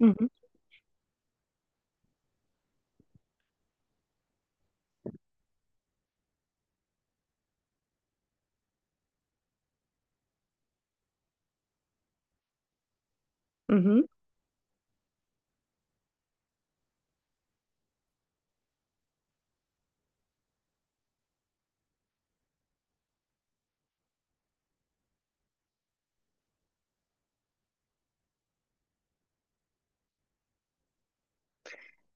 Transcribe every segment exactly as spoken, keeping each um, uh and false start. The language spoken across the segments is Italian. Mhm, mhm.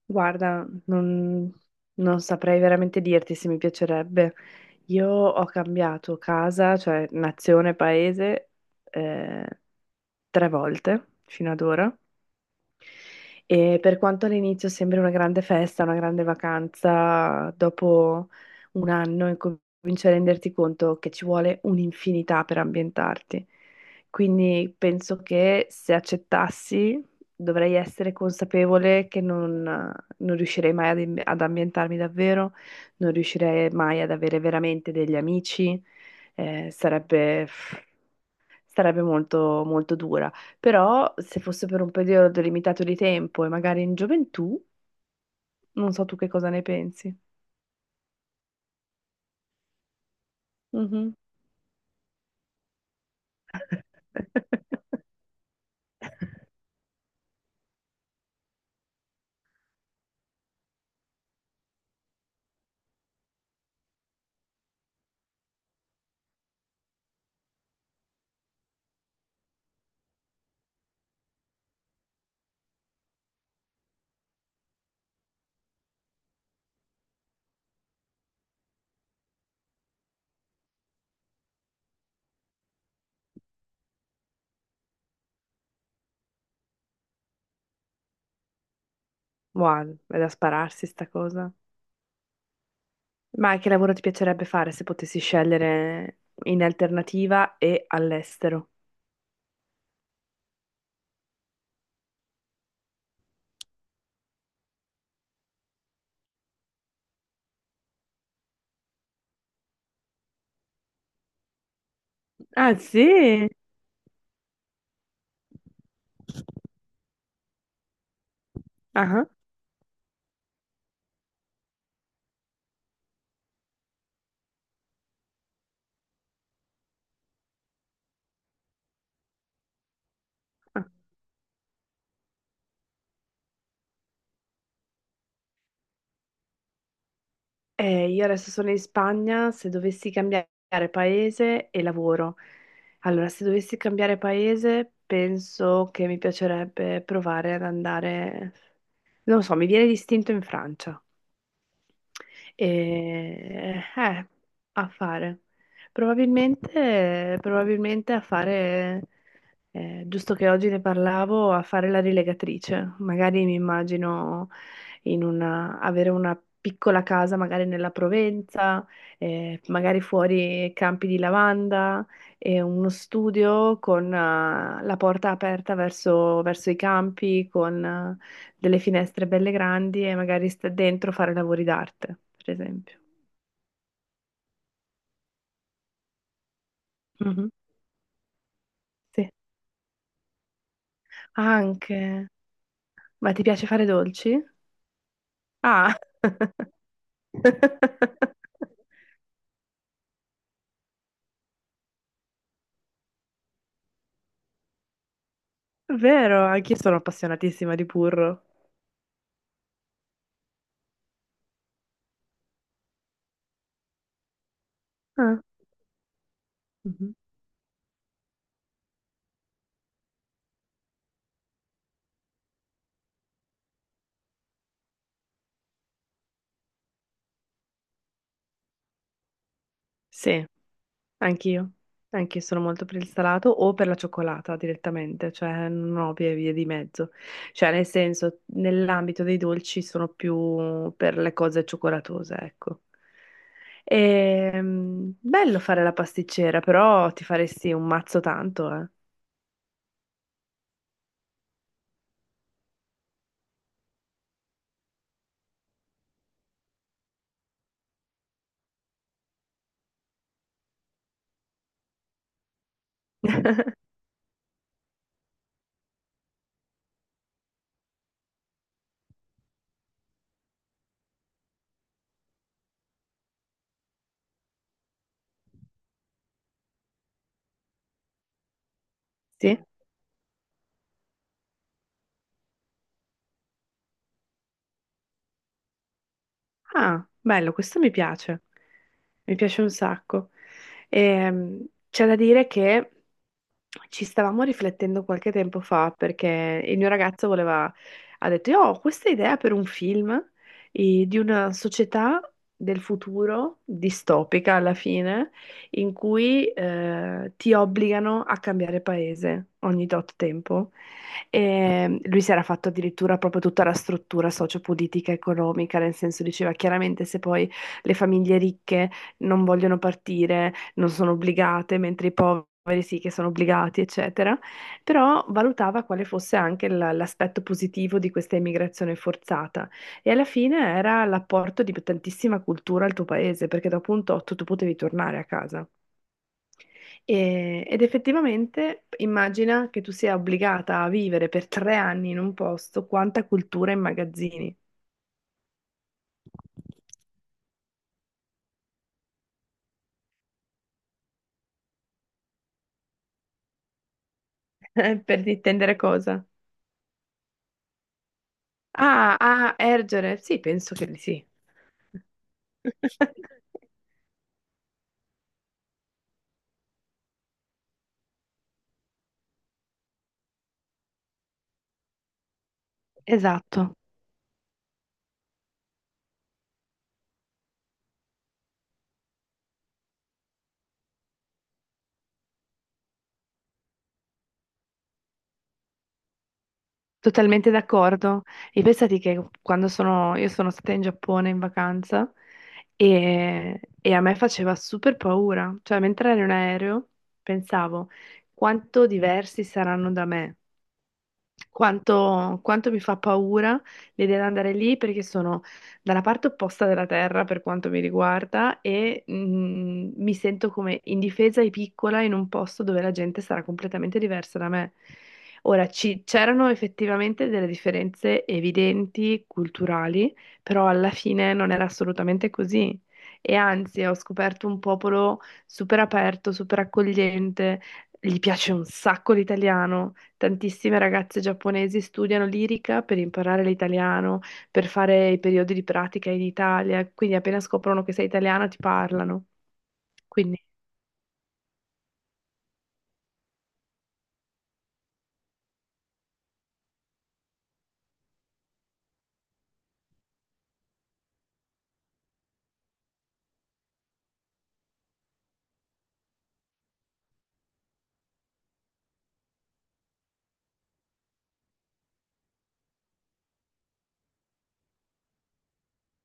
Guarda, non, non saprei veramente dirti se mi piacerebbe. Io ho cambiato casa, cioè nazione, paese, eh, tre volte fino ad ora. E per quanto all'inizio sembri una grande festa, una grande vacanza, dopo un anno incominci a renderti conto che ci vuole un'infinità per ambientarti. Quindi penso che se accettassi dovrei essere consapevole che non, non riuscirei mai ad, ad ambientarmi davvero, non riuscirei mai ad avere veramente degli amici. Eh, sarebbe sarebbe molto, molto dura. Però se fosse per un periodo limitato di tempo e magari in gioventù, non so tu che cosa ne pensi. Mhm. Wow, è da spararsi sta cosa. Ma che lavoro ti piacerebbe fare se potessi scegliere in alternativa e all'estero? Ah, sì? Ah, ah. Eh, io adesso sono in Spagna, se dovessi cambiare paese e lavoro. Allora, se dovessi cambiare paese, penso che mi piacerebbe provare ad andare, non lo so, mi viene l'istinto in Francia. E, eh, eh, a fare. Probabilmente, probabilmente a fare, eh, giusto che oggi ne parlavo, a fare la rilegatrice. Magari mi immagino in una, avere una piccola casa, magari nella Provenza, eh, magari fuori campi di lavanda e uno studio con, eh, la porta aperta verso, verso i campi, con eh, delle finestre belle grandi e magari sta dentro fare lavori d'arte, per esempio. Mhm. Sì, anche. Ma ti piace fare dolci? Ah, vero, anch'io sono appassionatissima di burro. Ah, mhm. Sì. Anch'io, anch'io sono molto per il salato o per la cioccolata direttamente, cioè non ho vie, vie di mezzo. Cioè, nel senso, nell'ambito dei dolci sono più per le cose cioccolatose, ecco. Ehm, bello fare la pasticcera, però ti faresti un mazzo tanto, eh. Sì? Ah, bello, questo mi piace, mi piace un sacco. Ehm, c'è da dire che ci stavamo riflettendo qualche tempo fa perché il mio ragazzo voleva, ha detto, io ho questa idea per un film eh, di una società del futuro, distopica alla fine, in cui eh, ti obbligano a cambiare paese ogni tot tempo. E lui si era fatto addirittura proprio tutta la struttura sociopolitica economica, nel senso diceva chiaramente se poi le famiglie ricche non vogliono partire, non sono obbligate, mentre i poveri sì che sono obbligati, eccetera. Però valutava quale fosse anche l- l'aspetto positivo di questa immigrazione forzata. E alla fine era l'apporto di tantissima cultura al tuo paese, perché dopo un tot tu potevi tornare a casa. E- ed effettivamente immagina che tu sia obbligata a vivere per tre anni in un posto, quanta cultura immagazzini. Per intendere cosa? Ah, a ergere? Sì, penso che di sì. Esatto, totalmente d'accordo. E pensati che quando sono, io sono stata in Giappone in vacanza e, e a me faceva super paura, cioè mentre ero in aereo pensavo quanto diversi saranno da me. quanto, quanto mi fa paura l'idea di andare lì perché sono dalla parte opposta della terra per quanto mi riguarda e mm, mi sento come indifesa e piccola in un posto dove la gente sarà completamente diversa da me. Ora, ci- c'erano effettivamente delle differenze evidenti, culturali, però alla fine non era assolutamente così. E anzi, ho scoperto un popolo super aperto, super accogliente, gli piace un sacco l'italiano. Tantissime ragazze giapponesi studiano lirica per imparare l'italiano, per fare i periodi di pratica in Italia, quindi appena scoprono che sei italiano ti parlano. Quindi,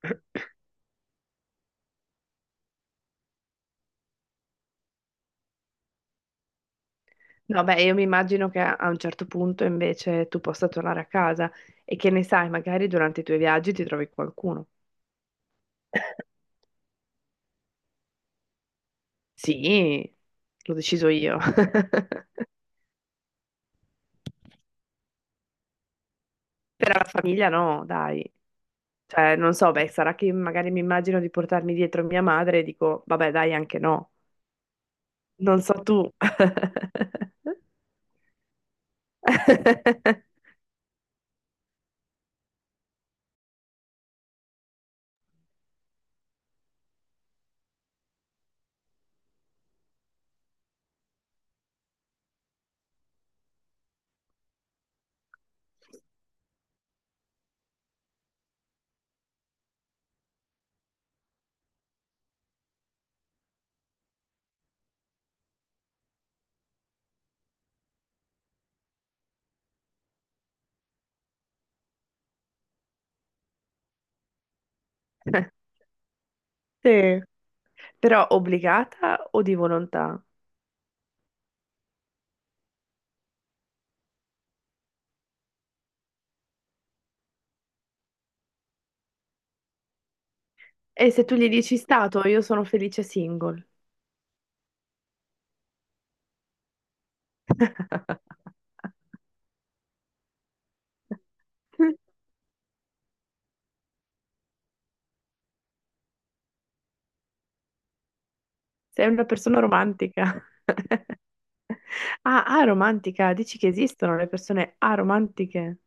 no, beh, io mi immagino che a a un certo punto invece tu possa tornare a casa e che ne sai, magari durante i tuoi viaggi ti trovi qualcuno. Sì, l'ho deciso io. Per la famiglia no, dai. Cioè, non so, beh, sarà che magari mi immagino di portarmi dietro mia madre e dico, vabbè, dai, anche no. Non so tu. Sì, però obbligata o di volontà? E se tu gli dici stato, io sono felice single. Sei una persona romantica. Ah, aromantica, dici che esistono le persone aromantiche?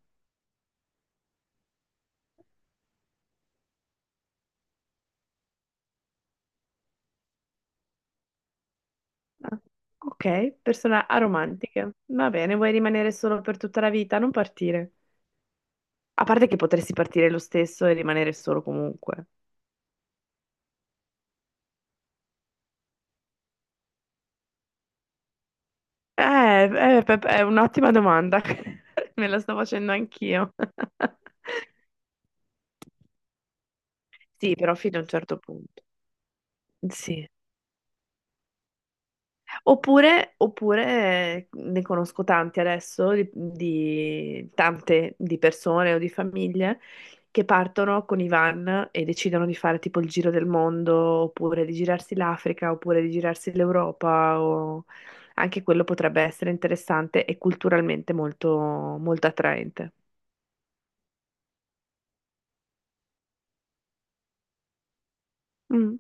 Ah, ok, persone aromantiche. Va bene, vuoi rimanere solo per tutta la vita? Non partire. A parte che potresti partire lo stesso e rimanere solo comunque. Eh, eh, pe- è un'ottima domanda, me la sto facendo anch'io. Sì, però fino a un certo punto. Sì. Oppure, oppure ne conosco tanti adesso, di, di- tante di persone o di famiglie che partono con i van e decidono di fare tipo il giro del mondo, oppure di girarsi l'Africa, oppure di girarsi l'Europa, o anche quello potrebbe essere interessante e culturalmente molto, molto attraente. Mm.